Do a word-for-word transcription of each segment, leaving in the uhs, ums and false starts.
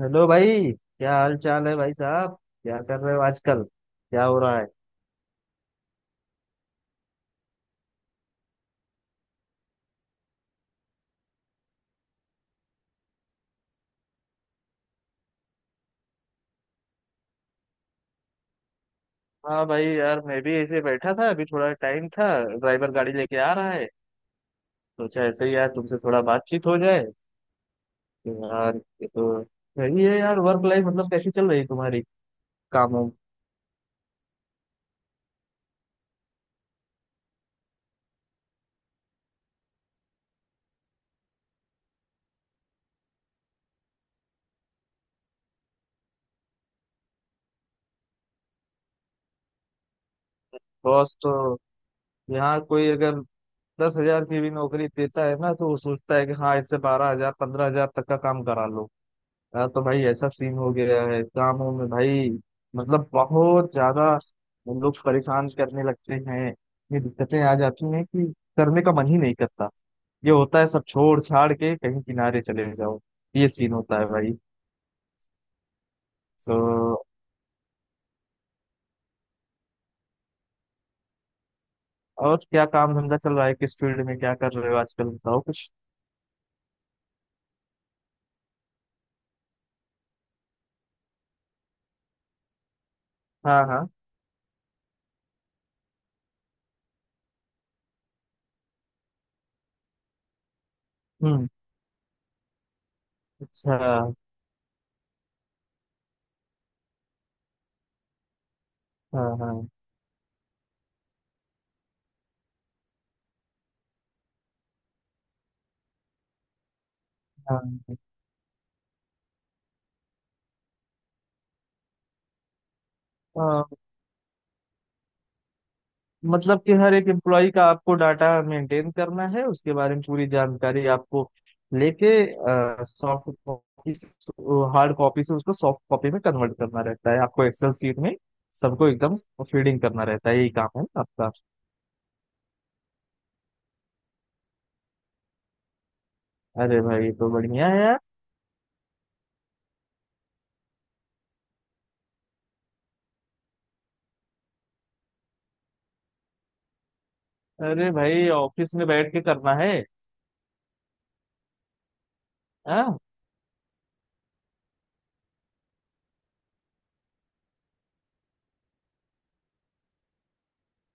Hello भाई, क्या हाल चाल है भाई साहब। क्या कर रहे हो आजकल, क्या हो रहा है। हाँ भाई यार, मैं भी ऐसे बैठा था, अभी थोड़ा टाइम था। ड्राइवर गाड़ी लेके आ रहा है। सोचा ऐसे ही यार तुमसे थोड़ा बातचीत हो जाए। यार ये तो सही है यार, वर्क लाइफ मतलब कैसी चल रही है तुम्हारी, कामों। बॉस तो यहाँ कोई अगर दस हजार की भी नौकरी देता है ना तो वो सोचता है कि हाँ, इससे बारह हजार पंद्रह हजार तक का काम करा लो। यार तो भाई ऐसा सीन हो गया है कामों में भाई, मतलब बहुत ज्यादा। हम लोग परेशान करने लगते हैं, इतनी दिक्कतें आ जाती हैं कि करने का मन ही नहीं करता। ये होता है सब छोड़ छाड़ के कहीं किनारे चले जाओ। ये सीन होता है भाई। तो और क्या काम धंधा चल रहा है, किस फील्ड में क्या कर रहे हो आजकल, बताओ कुछ। हाँ हाँ। हम्म। अच्छा। हाँ हाँ हाँ। मतलब कि हर एक एम्प्लॉय का आपको डाटा मेंटेन करना है, उसके बारे में पूरी जानकारी आपको लेके, सॉफ्ट कॉपी, हार्ड कॉपी से उसको सॉफ्ट कॉपी में कन्वर्ट करना रहता है आपको, एक्सेल शीट में सबको एकदम फीडिंग करना रहता है। यही काम है ना आपका। अरे भाई ये तो बढ़िया है यार। अरे भाई ऑफिस में बैठ के करना है। हाँ।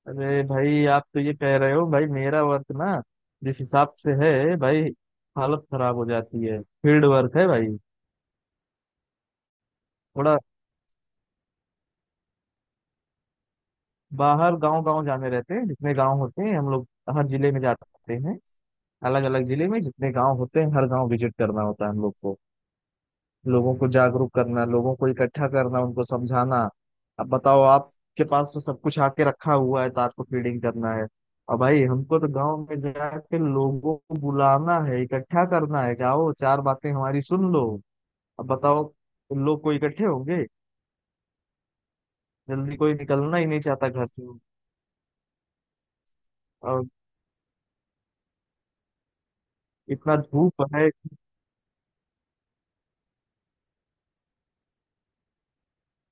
अरे भाई आप तो ये कह रहे हो भाई, मेरा वर्क ना जिस हिसाब से है भाई, हालत खराब हो जाती है। फील्ड वर्क है भाई, थोड़ा बाहर गांव गांव जाने रहते हैं, जितने गांव होते हैं हम लोग हर जिले में जाते हैं। अलग अलग जिले में जितने गांव होते हैं हर गांव विजिट करना होता है हम लोग को। लोगों को जागरूक करना, लोगों को इकट्ठा करना, उनको समझाना। अब बताओ, आपके पास तो सब कुछ आके रखा हुआ है तो आपको फीडिंग करना है, और भाई हमको तो गांव में जाके लोगों को बुलाना है, इकट्ठा करना है, जाओ चार बातें हमारी सुन लो। अब बताओ, उन लोग को इकट्ठे होंगे, जल्दी कोई निकलना ही नहीं चाहता घर से। और इतना धूप है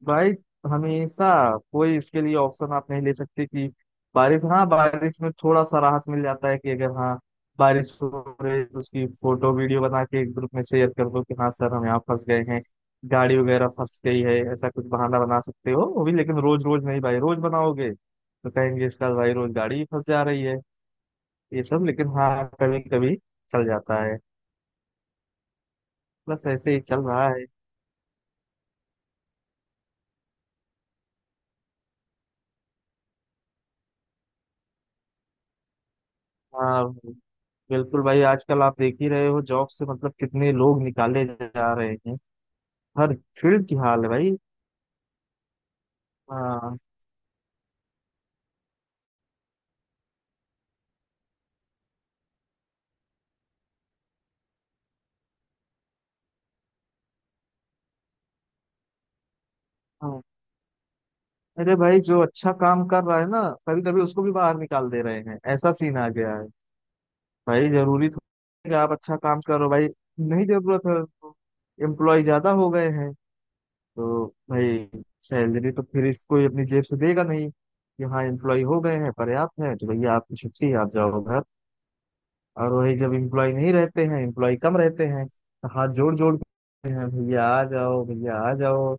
भाई, हमेशा कोई इसके लिए ऑप्शन आप नहीं ले सकते कि बारिश, हाँ बारिश में थोड़ा सा राहत मिल जाता है कि अगर हाँ बारिश हो रही है तो उसकी फोटो वीडियो बना के एक ग्रुप में शेयर कर दो कि हाँ सर हम यहाँ फंस गए हैं, गाड़ी वगैरह फंस गई है, ऐसा कुछ बहाना बना सकते हो वो भी, लेकिन रोज रोज नहीं भाई, रोज बनाओगे तो कहेंगे इसका भाई रोज गाड़ी ही फंस जा रही है ये सब। लेकिन हाँ कभी कभी चल जाता है। बस ऐसे ही चल रहा है। हाँ, बिल्कुल भाई आजकल आप देख ही रहे हो, जॉब से मतलब कितने लोग निकाले जा रहे हैं, हर फील्ड की हाल है भाई। हाँ हाँ। अरे भाई जो अच्छा काम कर रहा है ना कभी कभी उसको भी बाहर निकाल दे रहे हैं, ऐसा सीन आ गया है भाई। जरूरी तो है कि आप अच्छा काम करो भाई, नहीं जरूरत है तो एम्प्लॉय ज्यादा हो गए हैं तो भाई सैलरी तो फिर इसको अपनी जेब से देगा नहीं, कि हाँ एम्प्लॉय हो गए हैं पर्याप्त है तो भैया आपकी छुट्टी, आप जाओ घर। और वही जब एम्प्लॉय नहीं रहते हैं, एम्प्लॉय कम रहते हैं, तो हाथ जोड़ जोड़ के हैं भैया आ जाओ, भैया आ जाओ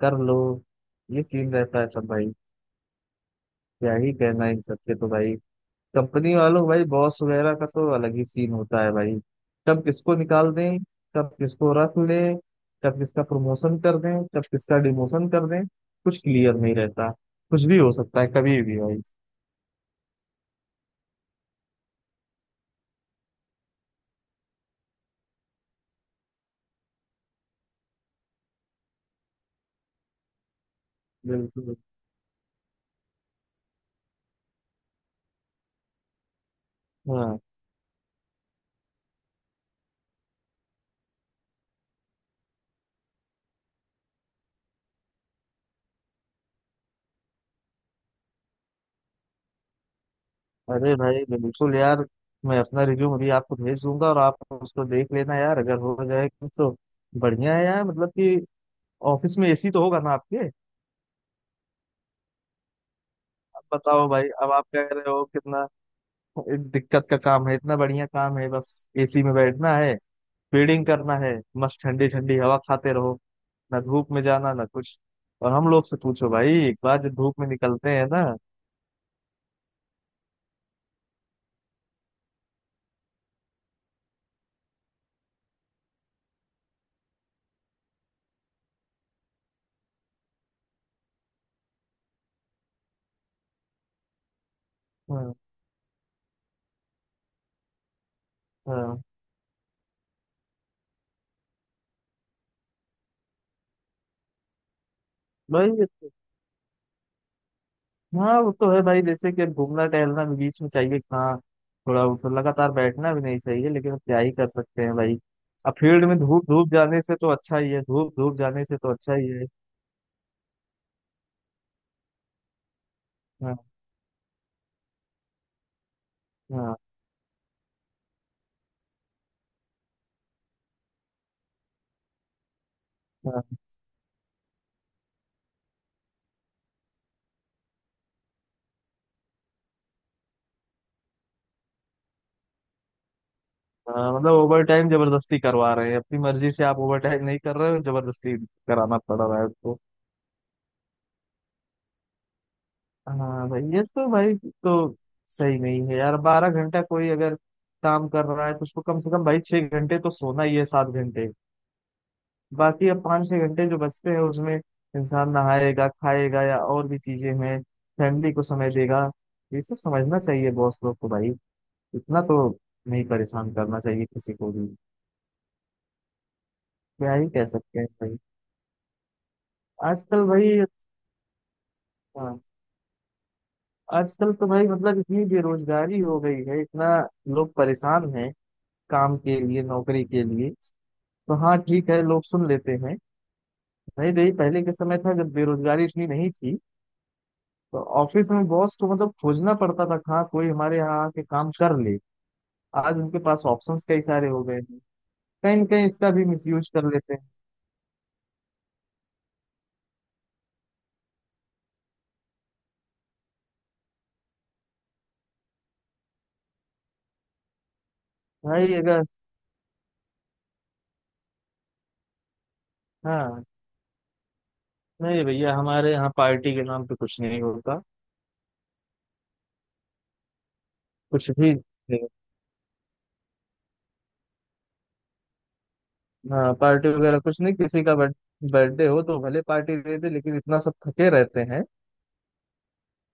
कर लो। ये सीन रहता है सब भाई। क्या ही कहना है इन सबसे तो भाई, कंपनी वालों को भाई, बॉस वगैरह का तो अलग ही सीन होता है भाई। कब किसको निकाल दें, कब किसको रख लें, कब किसका प्रमोशन कर दें, कब किसका डिमोशन कर दें, कुछ क्लियर नहीं रहता। कुछ भी हो सकता है कभी भी भाई। बिल्कुल। हाँ, अरे भाई बिल्कुल यार, मैं अपना रिज्यूम अभी आपको भेज दूंगा और आप उसको देख लेना यार अगर हो जाए तो बढ़िया है यार। मतलब कि ऑफिस में एसी तो होगा ना आपके। अब बताओ भाई, अब आप कह रहे हो कितना दिक्कत का काम है, इतना बढ़िया काम है, बस एसी में बैठना है, फीडिंग करना है, मस्त ठंडी ठंडी हवा खाते रहो, ना धूप में जाना ना कुछ। और हम लोग से पूछो भाई एक बार जब धूप में निकलते हैं ना। हाँ हाँ भाई। हाँ वो तो है भाई, जैसे कि अब घूमना टहलना भी बीच में चाहिए हाँ, थोड़ा वो तो लगातार बैठना भी नहीं चाहिए, लेकिन अब क्या ही कर सकते हैं भाई। अब फील्ड में धूप धूप जाने से तो अच्छा ही है, धूप धूप जाने से तो अच्छा ही है। हाँ हाँ हाँ हाँ, मतलब ओवर टाइम जबरदस्ती करवा रहे हैं, अपनी मर्जी से आप ओवर टाइम नहीं कर रहे हो, जबरदस्ती कराना पड़ रहा है आपको। हाँ भाई, ये तो भाई तो सही नहीं है यार। बारह घंटा कोई अगर काम कर रहा है तो उसको कम से कम भाई छह घंटे तो सोना ही है, सात घंटे। बाकी अब पाँच छः घंटे जो बचते हैं उसमें इंसान नहाएगा, खाएगा, या और भी चीजें हैं, फैमिली को समय देगा। ये सब समझना चाहिए बॉस लोग को भाई, इतना तो नहीं परेशान करना चाहिए किसी को भी। क्या ही कह सकते हैं भाई आजकल भाई। हाँ, आजकल तो भाई मतलब इतनी बेरोजगारी हो गई है, इतना लोग परेशान हैं काम के लिए, नौकरी के लिए, तो हाँ ठीक है लोग सुन लेते हैं। नहीं तो ये पहले के समय था जब बेरोजगारी इतनी नहीं थी तो ऑफिस में बॉस को मतलब खोजना पड़ता था, कहाँ कोई हमारे यहाँ आके काम कर ले। आज उनके पास ऑप्शंस कई सारे हो गए हैं, कहीं ना कहीं इसका भी मिसयूज कर लेते हैं। भाई अगर, हाँ, नहीं भैया हमारे यहाँ पार्टी के नाम पे कुछ नहीं होता, कुछ भी नहीं। हाँ पार्टी वगैरह कुछ नहीं, किसी का बर्थडे हो तो भले पार्टी दे दे लेकिन इतना सब थके रहते हैं,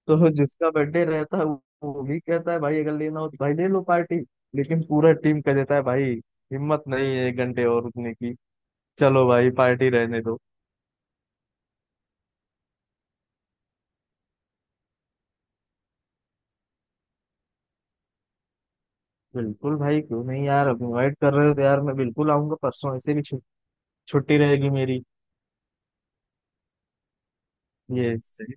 तो जिसका बर्थडे रहता है वो वो भी कहता है भाई अगर लेना हो तो भाई ले लो पार्टी, लेकिन पूरा टीम कह देता है भाई हिम्मत नहीं है एक घंटे और रुकने की, चलो भाई पार्टी रहने दो। बिल्कुल भाई क्यों नहीं यार, अब इनवाइट कर रहे हो तो यार मैं बिल्कुल आऊंगा परसों, ऐसे भी छु, छुट्टी रहेगी मेरी। ये सही।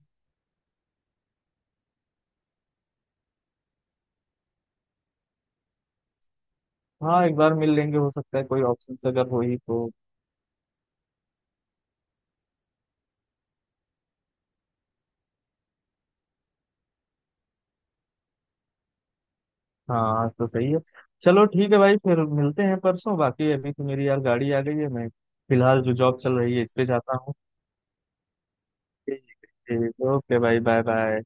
हाँ एक बार मिल लेंगे, हो सकता है कोई ऑप्शन अगर हो ही तो। हाँ तो सही है, चलो ठीक है भाई, फिर मिलते हैं परसों। बाकी अभी तो मेरी यार गाड़ी आ गई है, मैं फिलहाल जो जॉब चल रही है इस पे जाता हूँ। ठीक है। ओके भाई, बाय बाय।